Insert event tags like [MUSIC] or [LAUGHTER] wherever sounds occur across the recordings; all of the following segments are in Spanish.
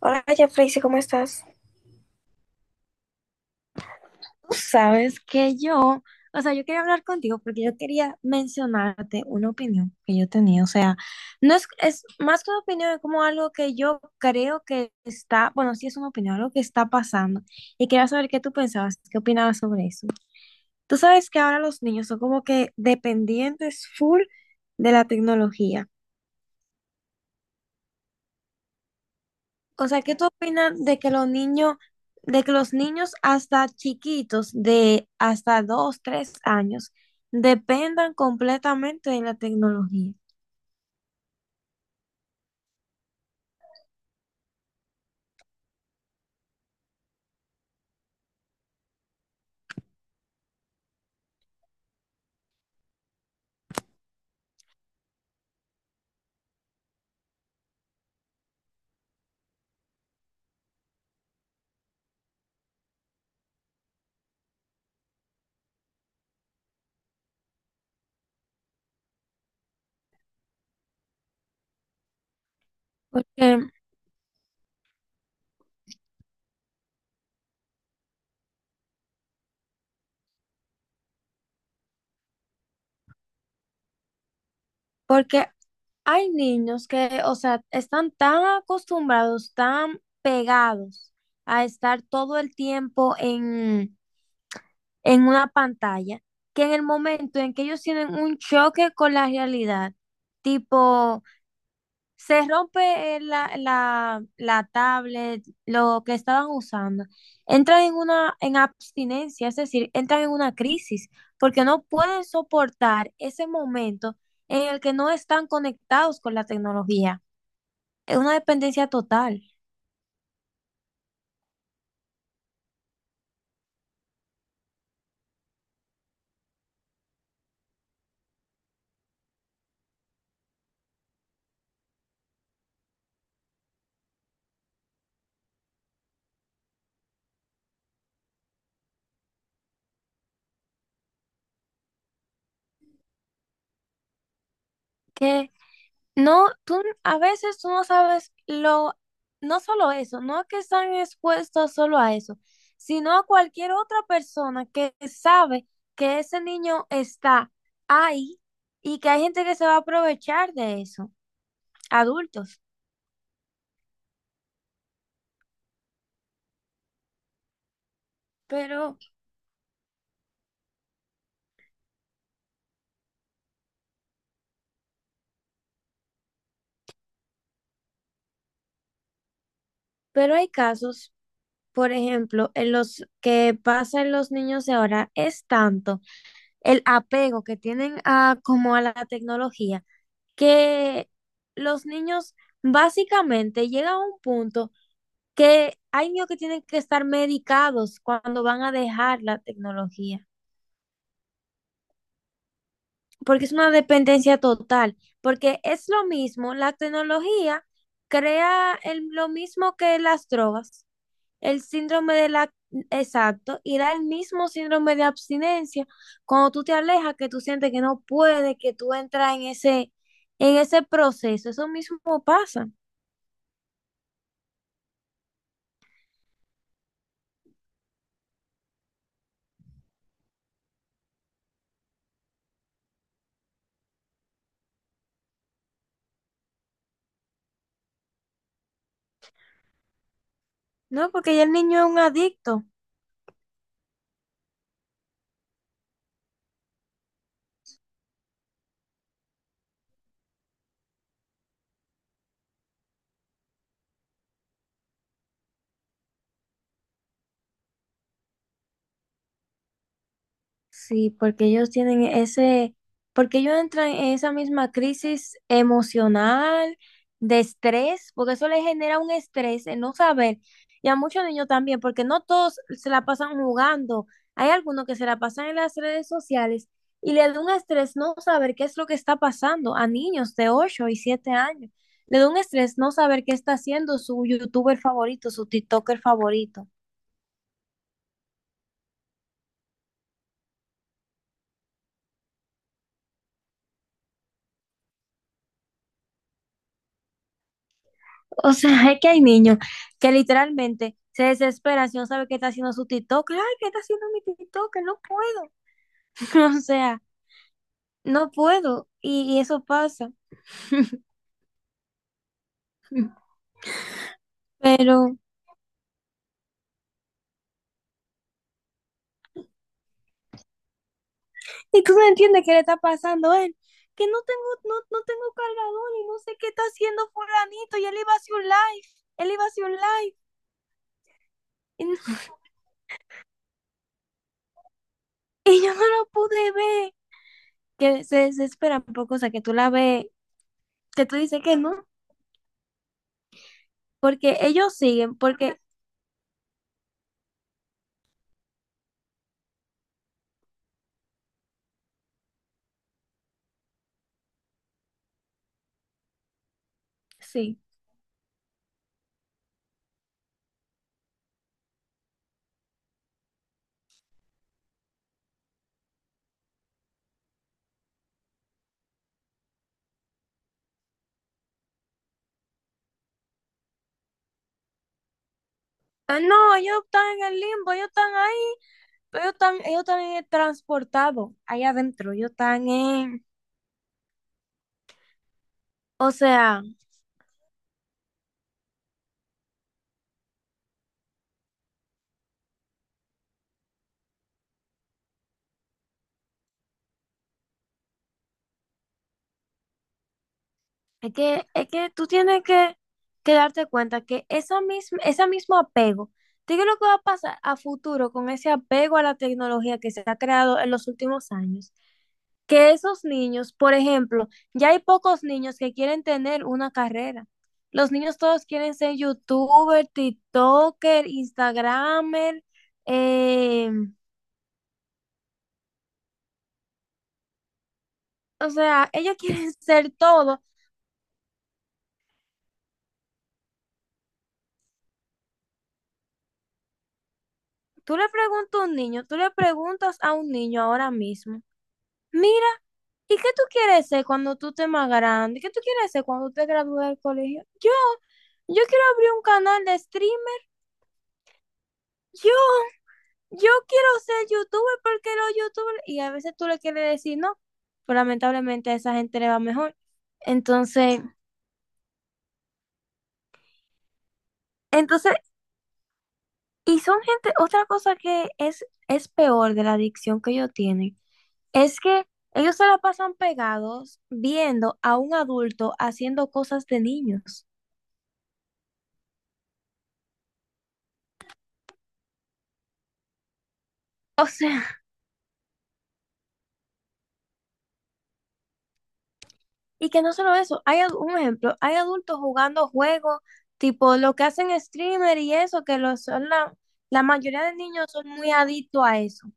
Hola, Jeffrey, ¿cómo estás? Tú sabes que yo, o sea, yo quería hablar contigo porque yo quería mencionarte una opinión que yo tenía. O sea, no es, es más que una opinión, es como algo que yo creo que está, bueno, sí es una opinión, algo que está pasando, y quería saber qué tú pensabas, qué opinabas sobre eso. Tú sabes que ahora los niños son como que dependientes full de la tecnología. O sea, ¿qué tú opinas de que los niños, hasta chiquitos, de hasta 2, 3 años, dependan completamente de la tecnología? Porque, porque hay niños que, o sea, están tan acostumbrados, tan pegados a estar todo el tiempo en una pantalla, que en el momento en que ellos tienen un choque con la realidad, tipo, se rompe la tablet, lo que estaban usando. Entran en una en abstinencia, es decir, entran en una crisis porque no pueden soportar ese momento en el que no están conectados con la tecnología. Es una dependencia total. Que no, tú a veces tú no sabes lo, no solo eso, no que están expuestos solo a eso, sino a cualquier otra persona que sabe que ese niño está ahí, y que hay gente que se va a aprovechar de eso, adultos. Pero Pero hay casos, por ejemplo, en los que pasa en los niños de ahora. Es tanto el apego que tienen a como a la tecnología, que los niños básicamente llegan a un punto que hay niños que tienen que estar medicados cuando van a dejar la tecnología, porque es una dependencia total, porque es lo mismo, la tecnología crea lo mismo que las drogas. El síndrome de la... Exacto, y da el mismo síndrome de abstinencia cuando tú te alejas, que tú sientes que no puedes, que tú entras en ese proceso. Eso mismo pasa, ¿no? Porque ya el niño es un adicto. Sí, porque ellos tienen ese, porque ellos entran en esa misma crisis emocional, de estrés, porque eso les genera un estrés, el no saber. Y a muchos niños también, porque no todos se la pasan jugando. Hay algunos que se la pasan en las redes sociales, y le da un estrés no saber qué es lo que está pasando a niños de 8 y 7 años. Le da un estrés no saber qué está haciendo su youtuber favorito, su TikToker favorito. O sea, [LAUGHS] es que hay niños que literalmente se desesperan si no sabe qué está haciendo su TikTok. Ay, ¿qué está haciendo mi TikTok? Que no puedo. [LAUGHS] O sea, no puedo. Y eso pasa. Pero, y tú no entiendes qué le está pasando a él. Que no tengo, no, no tengo cargador y no sé qué está haciendo fulanito. Y él iba a hacer un live. Él iba a hacer un live. Y, no- [LAUGHS] y yo no lo pude ver. Que se desesperan por cosas que tú la ves, que tú dices que no. Porque ellos siguen, porque sí. Ah, no, ellos están en el limbo, ellos están ahí, pero ellos están en el transportado, ahí adentro, ellos están en... O sea, es que tú tienes que, darte cuenta que esa misma, ese mismo apego, ¿tú qué es lo que va a pasar a futuro con ese apego a la tecnología que se ha creado en los últimos años? Que esos niños, por ejemplo, ya hay pocos niños que quieren tener una carrera. Los niños todos quieren ser youtuber, tiktoker, instagramer, eh, o sea, ellos [LAUGHS] quieren ser todo. Tú le preguntas a un niño, tú le preguntas a un niño ahora mismo, mira, ¿y qué tú quieres ser cuando tú estés más grande? ¿Qué tú quieres ser cuando te gradúes del colegio? Yo quiero abrir un canal de streamer. Yo, yo quiero ser youtuber, porque los youtubers, y a veces tú le quieres decir no, pero lamentablemente a esa gente le va mejor. Entonces, entonces, y son gente. Otra cosa que es peor de la adicción que ellos tienen, es que ellos se la pasan pegados viendo a un adulto haciendo cosas de niños. O sea, y que no solo eso, un ejemplo, hay adultos jugando juegos, tipo lo que hacen streamer y eso, que los, son la mayoría de niños son muy adictos a eso.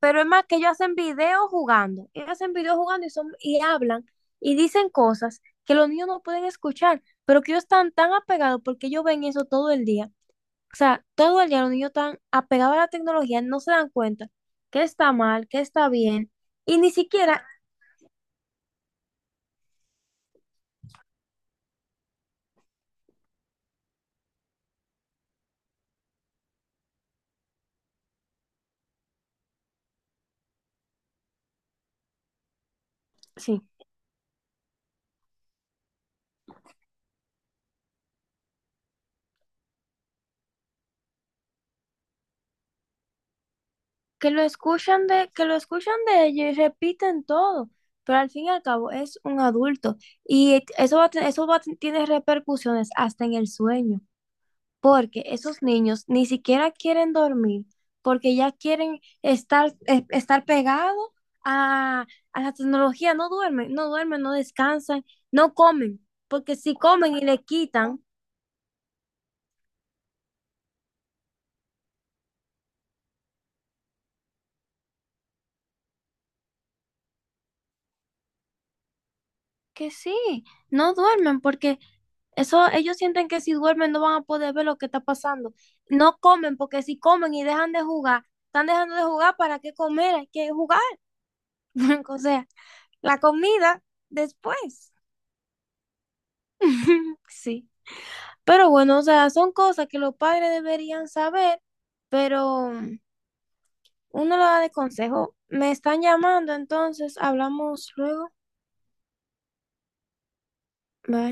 Pero es más que ellos hacen videos jugando, ellos hacen videos jugando y hablan y dicen cosas que los niños no pueden escuchar, pero que ellos están tan apegados porque ellos ven eso todo el día. O sea, todo el día los niños están apegados a la tecnología, no se dan cuenta que está mal, que está bien, y ni siquiera, sí. Que lo escuchan de ellos y repiten todo, pero al fin y al cabo es un adulto, y eso va, a te- eso va, a te- tiene repercusiones hasta en el sueño, porque esos niños ni siquiera quieren dormir, porque ya quieren estar, estar pegados a, a la tecnología, no duermen, no duermen, no descansan, no comen, porque si comen y le quitan, que sí, no duermen porque eso ellos sienten que si duermen no van a poder ver lo que está pasando. No comen porque si comen y dejan de jugar, están dejando de jugar, ¿para qué comer? Hay que jugar. [LAUGHS] O sea, la comida después. [LAUGHS] Sí. Pero bueno, o sea, son cosas que los padres deberían saber, pero uno lo da de consejo. Me están llamando, entonces hablamos luego. Bye.